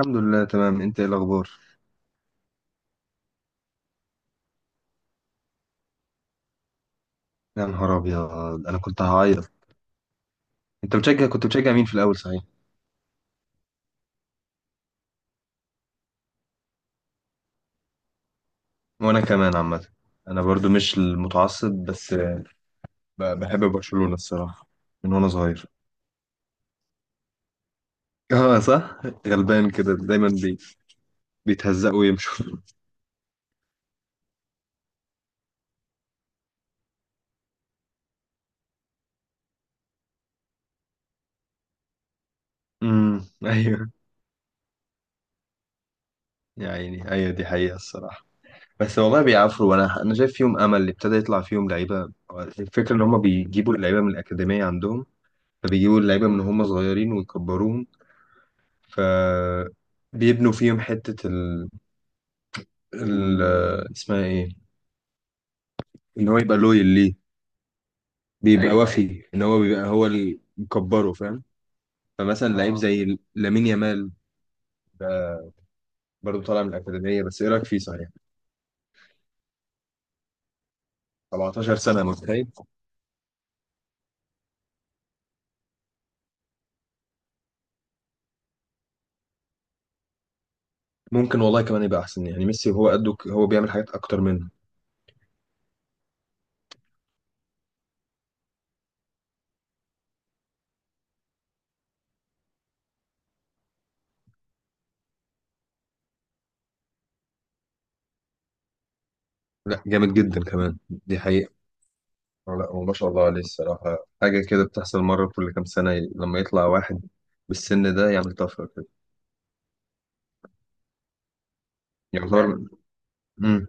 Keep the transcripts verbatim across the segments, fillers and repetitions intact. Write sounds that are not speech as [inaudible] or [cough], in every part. الحمد لله، تمام. انت ايه الاخبار؟ يا نهار ابيض! انا كنت هعيط. انت بتشجع كنت بتشجع مين في الاول، صحيح؟ وانا كمان عامه. انا برضو مش المتعصب، بس ب- بحب برشلونه الصراحه، من وانا صغير. اه، صح. غلبان كده دايما بي... بيتهزقوا ويمشوا. امم، [laughs] ايوه. يا عيني، ايوه، دي حقيقه الصراحه. بس والله بيعافروا، وانا انا شايف فيهم امل اللي ابتدى يطلع فيهم لعيبه. الفكره ان هم بيجيبوا اللعيبه من الاكاديميه عندهم، فبيجيبوا اللعيبه من هم صغيرين ويكبروهم، فبيبنوا فيهم حتة ال... ال... اسمها ايه، ان هو يبقى لويل ليه. بيبقى ايوه، ايوه، وفي ان هو بيبقى هو اللي مكبره، فاهم. فمثلا لعيب اه زي لامين يامال، ده برضه طالع من الأكاديمية. بس ايه رأيك فيه، صحيح؟ 17 سنة، متخيل! ممكن والله كمان يبقى احسن يعني ميسي، وهو قده ك- هو بيعمل حاجات اكتر منه. لا، جامد جدا كمان، دي حقيقة. لا، وما شاء الله عليه الصراحة، حاجة كده بتحصل مرة كل كام سنة، لما يطلع واحد بالسن ده يعمل طفرة كده. فعلا يعتبر، فعلا.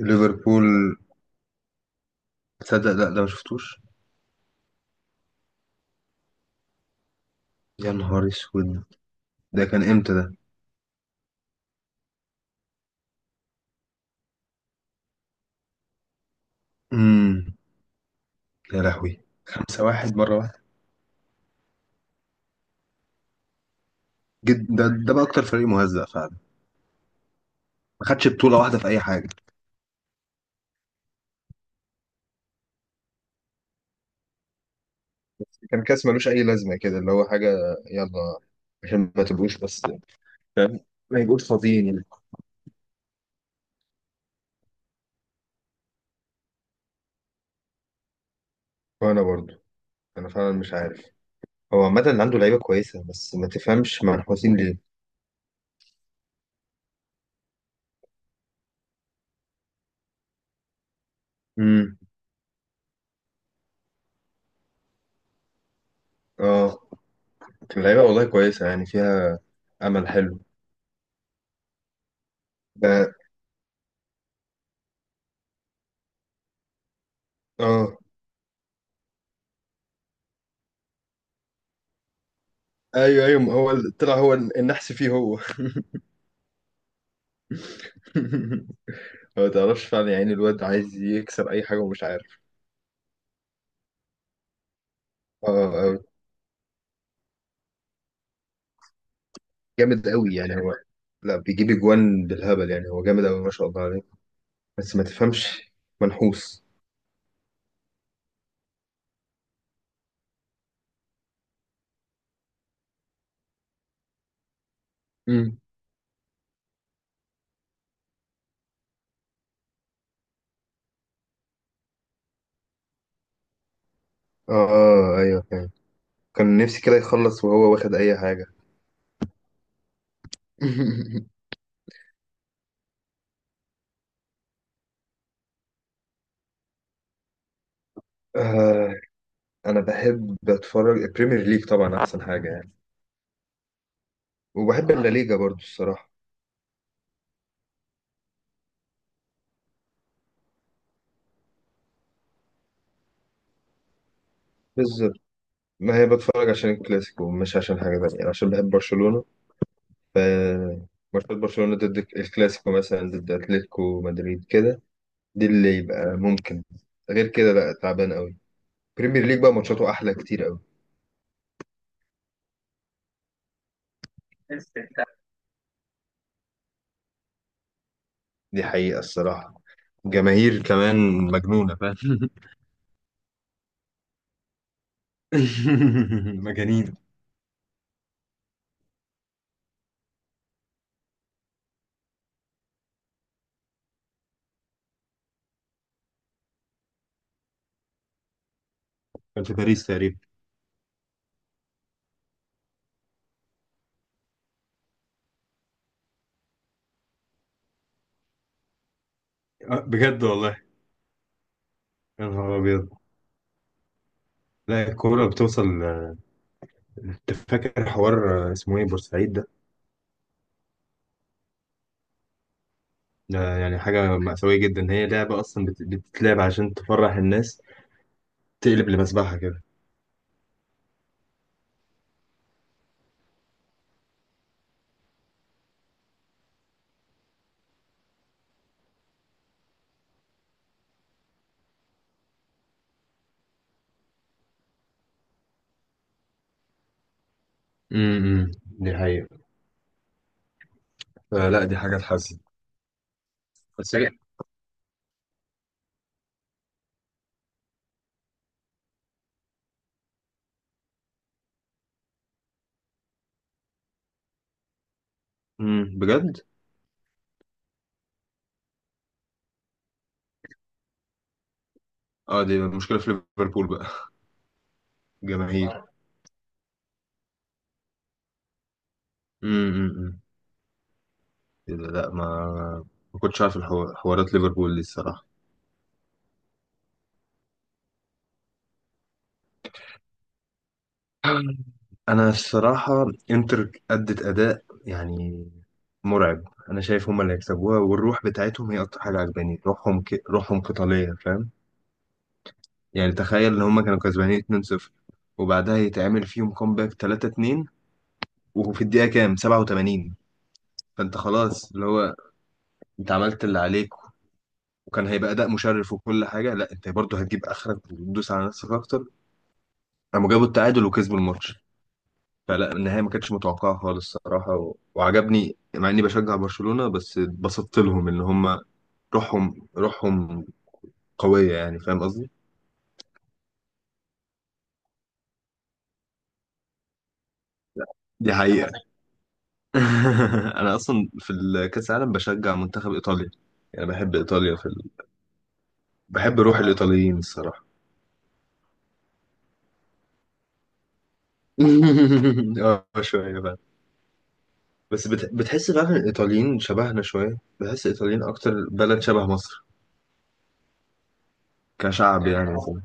ليفربول. تصدق لا، ده ما شفتوش. يا نهار اسود! ده كان امتى ده؟ امم. يا لهوي! خمسة واحد مرة واحدة؟ جد، ده, ده بقى اكتر فريق مهزأ فعلا. ما خدش بطولة واحدة في اي حاجة. كان كاس ملوش اي لازمه كده، اللي هو حاجه يلا عشان ما تبقوش بس، فاهم، ما يبقوش فاضيين يعني. وانا برضو، انا فعلا مش عارف. هو عامه اللي عنده لعيبه كويسه، بس ما تفهمش منحوسين ليه. امم. اه، اللعيبه والله كويسه يعني، فيها امل حلو. ب- اه، ايوه، ايوه، ما هو ال- طلع هو النحس فيه هو. [laughs] ما تعرفش فعلا، يعني الواد عايز يكسر اي حاجه ومش عارف. اه، آه، جامد قوي يعني هو. لا، بيجيب اجوان بالهبل، يعني هو جامد قوي ما شاء الله عليه، بس ما تفهمش، منحوس. امم. اه، آه، ايوه فاهم. كان نفسي كده يخلص وهو واخد اي حاجه. [laughs] آه، انا بحب اتفرج البريمير ليج طبعا، احسن حاجه يعني. وبحب اللا ليجا برضو الصراحه. ما هي بتفرج عشان الكلاسيكو، مش عشان حاجة تانية، يعني عشان بحب برشلونة. ف ماتشات برشلونة ضد الكلاسيكو، مثلا ضد أتلتيكو مدريد كده، دي اللي يبقى ممكن. غير كده لا، تعبان قوي. بريمير ليج بقى ماتشاته أحلى كتير قوي. دي حقيقة الصراحة. جماهير كمان مجنونة، فاهم. [laughs] مجانين. كان في باريس تقريبا. آه، بجد والله. يا نهار أبيض! لا، الكورة بتوصل. آه، أنت فاكر حوار آه، اسمه إيه، بورسعيد ده؟ ده يعني حاجة مأساوية جدا، هي لعبة أصلا بت- بتتلعب عشان تفرح الناس، تقلب لمذبحة كده. امم دي حقيقة. فلا، دي حاجة تحزن. بس هي. امم بجد. اه، دي مشكلة في ليفربول بقى. [laughs] جماهير. امم. لا، ما ما كنتش عارف الحو- حوارات ليفربول دي الصراحة. [clears throat] أنا الصراحة إنتر أدت أداء يعني مرعب. أنا شايف هما اللي هيكسبوها، والروح بتاعتهم هي أكتر حاجة عجباني. روحهم ك... روحهم قتالية، فاهم. يعني تخيل ان هما كانوا كسبانين اتنين صفر، وبعدها يتعمل فيهم كومباك تلاتة اتنين، وفي الدقيقة كام، سبعة وتمانين. فانت خلاص، اللي هو انت عملت اللي عليك، وكان هيبقى اداء مشرف وكل حاجة. لا، انت برضه هتجيب اخرك وتدوس على نفسك اكتر. قاموا جابوا التعادل وكسبوا الماتش. فلا، النهاية ما كانتش متوقعة خالص الصراحة، و... وعجبني، مع اني بشجع برشلونة، بس اتبسطت لهم ان هما روحهم روحهم قوية، يعني فاهم قصدي. دي حقيقة. [laughs] انا اصلا في الكاس العالم بشجع منتخب ايطاليا. يعني بحب ايطاليا في ال... بحب روح الايطاليين الصراحه. [laughs] اه، شويه بقى. بس بت... بتحس فعلا الايطاليين شبهنا شويه، بحس الايطاليين اكتر بلد شبه مصر، كشعب، يعني مثلا.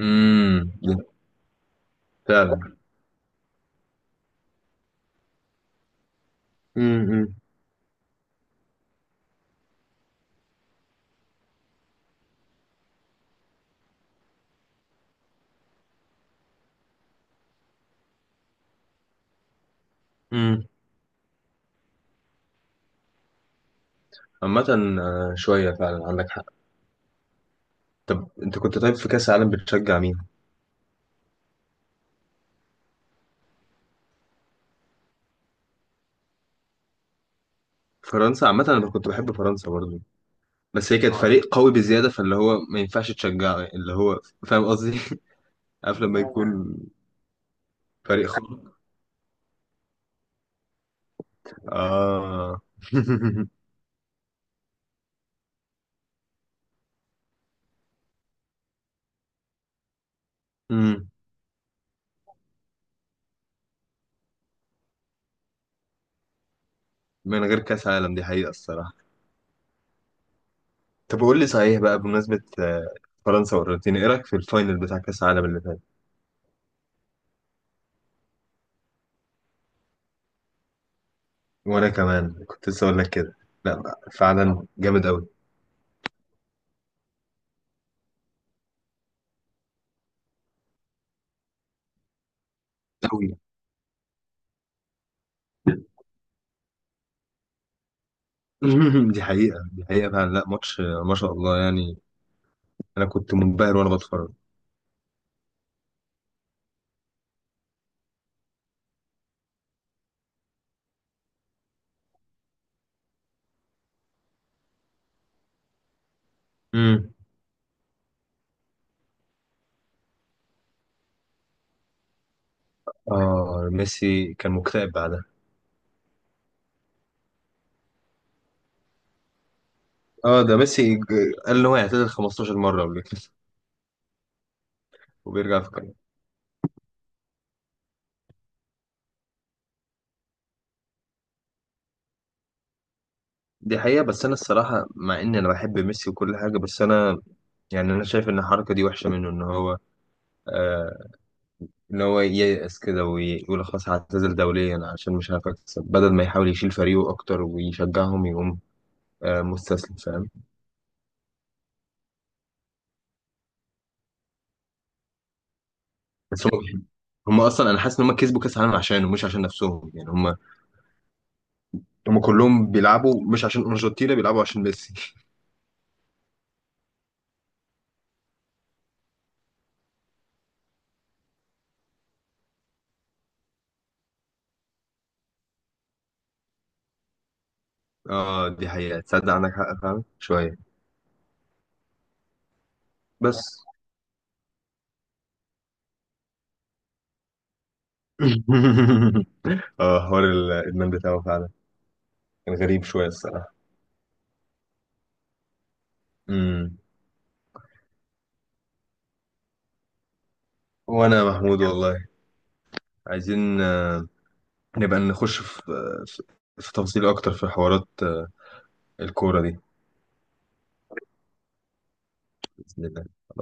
امم. فعلا. امم. امم. عامة، آه، شوية فعلا عندك حق. طب انت كنت، طيب في كأس العالم بتشجع مين؟ فرنسا، عامة انا كنت بحب فرنسا برضو. بس هي كانت اه فريق قوي بزيادة، فاللي هو ما ينفعش تشجعه، اللي هو فاهم قصدي. [laughs] عارف لما يكون فريق خارق. اه. [laughs] أمم. من غير كأس عالم، دي حقيقة الصراحة. طب قول لي صحيح بقى، بمناسبة آه، فرنسا والأرجنتين، ايه رأيك في الفاينل بتاع كأس العالم اللي فات؟ وانا كمان كنت لسه اقول لك كده. لا بقى، فعلا جامد قوي، قوي. [laughs] دي حقيقة، دي حقيقة فعلا. لا ماتش آه، ما شاء الله يعني. انا كنت منبهر وانا بتفرج. أمم. اه، ميسي كان مكتئب بعدها. اه، ده ميسي ج- قال ان هو يعتزل 15 مرة قبل كده. [laughs] وبيرجع في كلامه. دي حقيقة. بس انا الصراحة، مع ان انا بحب ميسي وكل حاجة، بس انا يعني انا شايف ان الحركة دي وحشة منه، ان هو آه ان هو ييأس كده ويقول خلاص هعتزل دوليا عشان مش عارف اكسب، بدل ما يحاول يشيل فريقه اكتر ويشجعهم. يقوم آه مستسلم، فاهم. بس هم، [laughs] هم اصلا انا حاسس ان هم كسبوا كاس العالم عشانه مش عشان نفسهم، يعني هم، هم كلهم بيلعبوا، مش عشان ارجنتينا بيلعبوا، عشان ميسي. [laughs] اه، دي حقيقة، تصدق عندك حق، فاهم شوية. بس. [laughs] اه، حوار الادمان بتاعه فعلا كان غريب شويه الصراحه. امم. وانا يا محمود والله، عايزين آه، نبقى نخش في آه، في في تفاصيل اكتر، في حوارات آه، الكوره دي. باذن الله.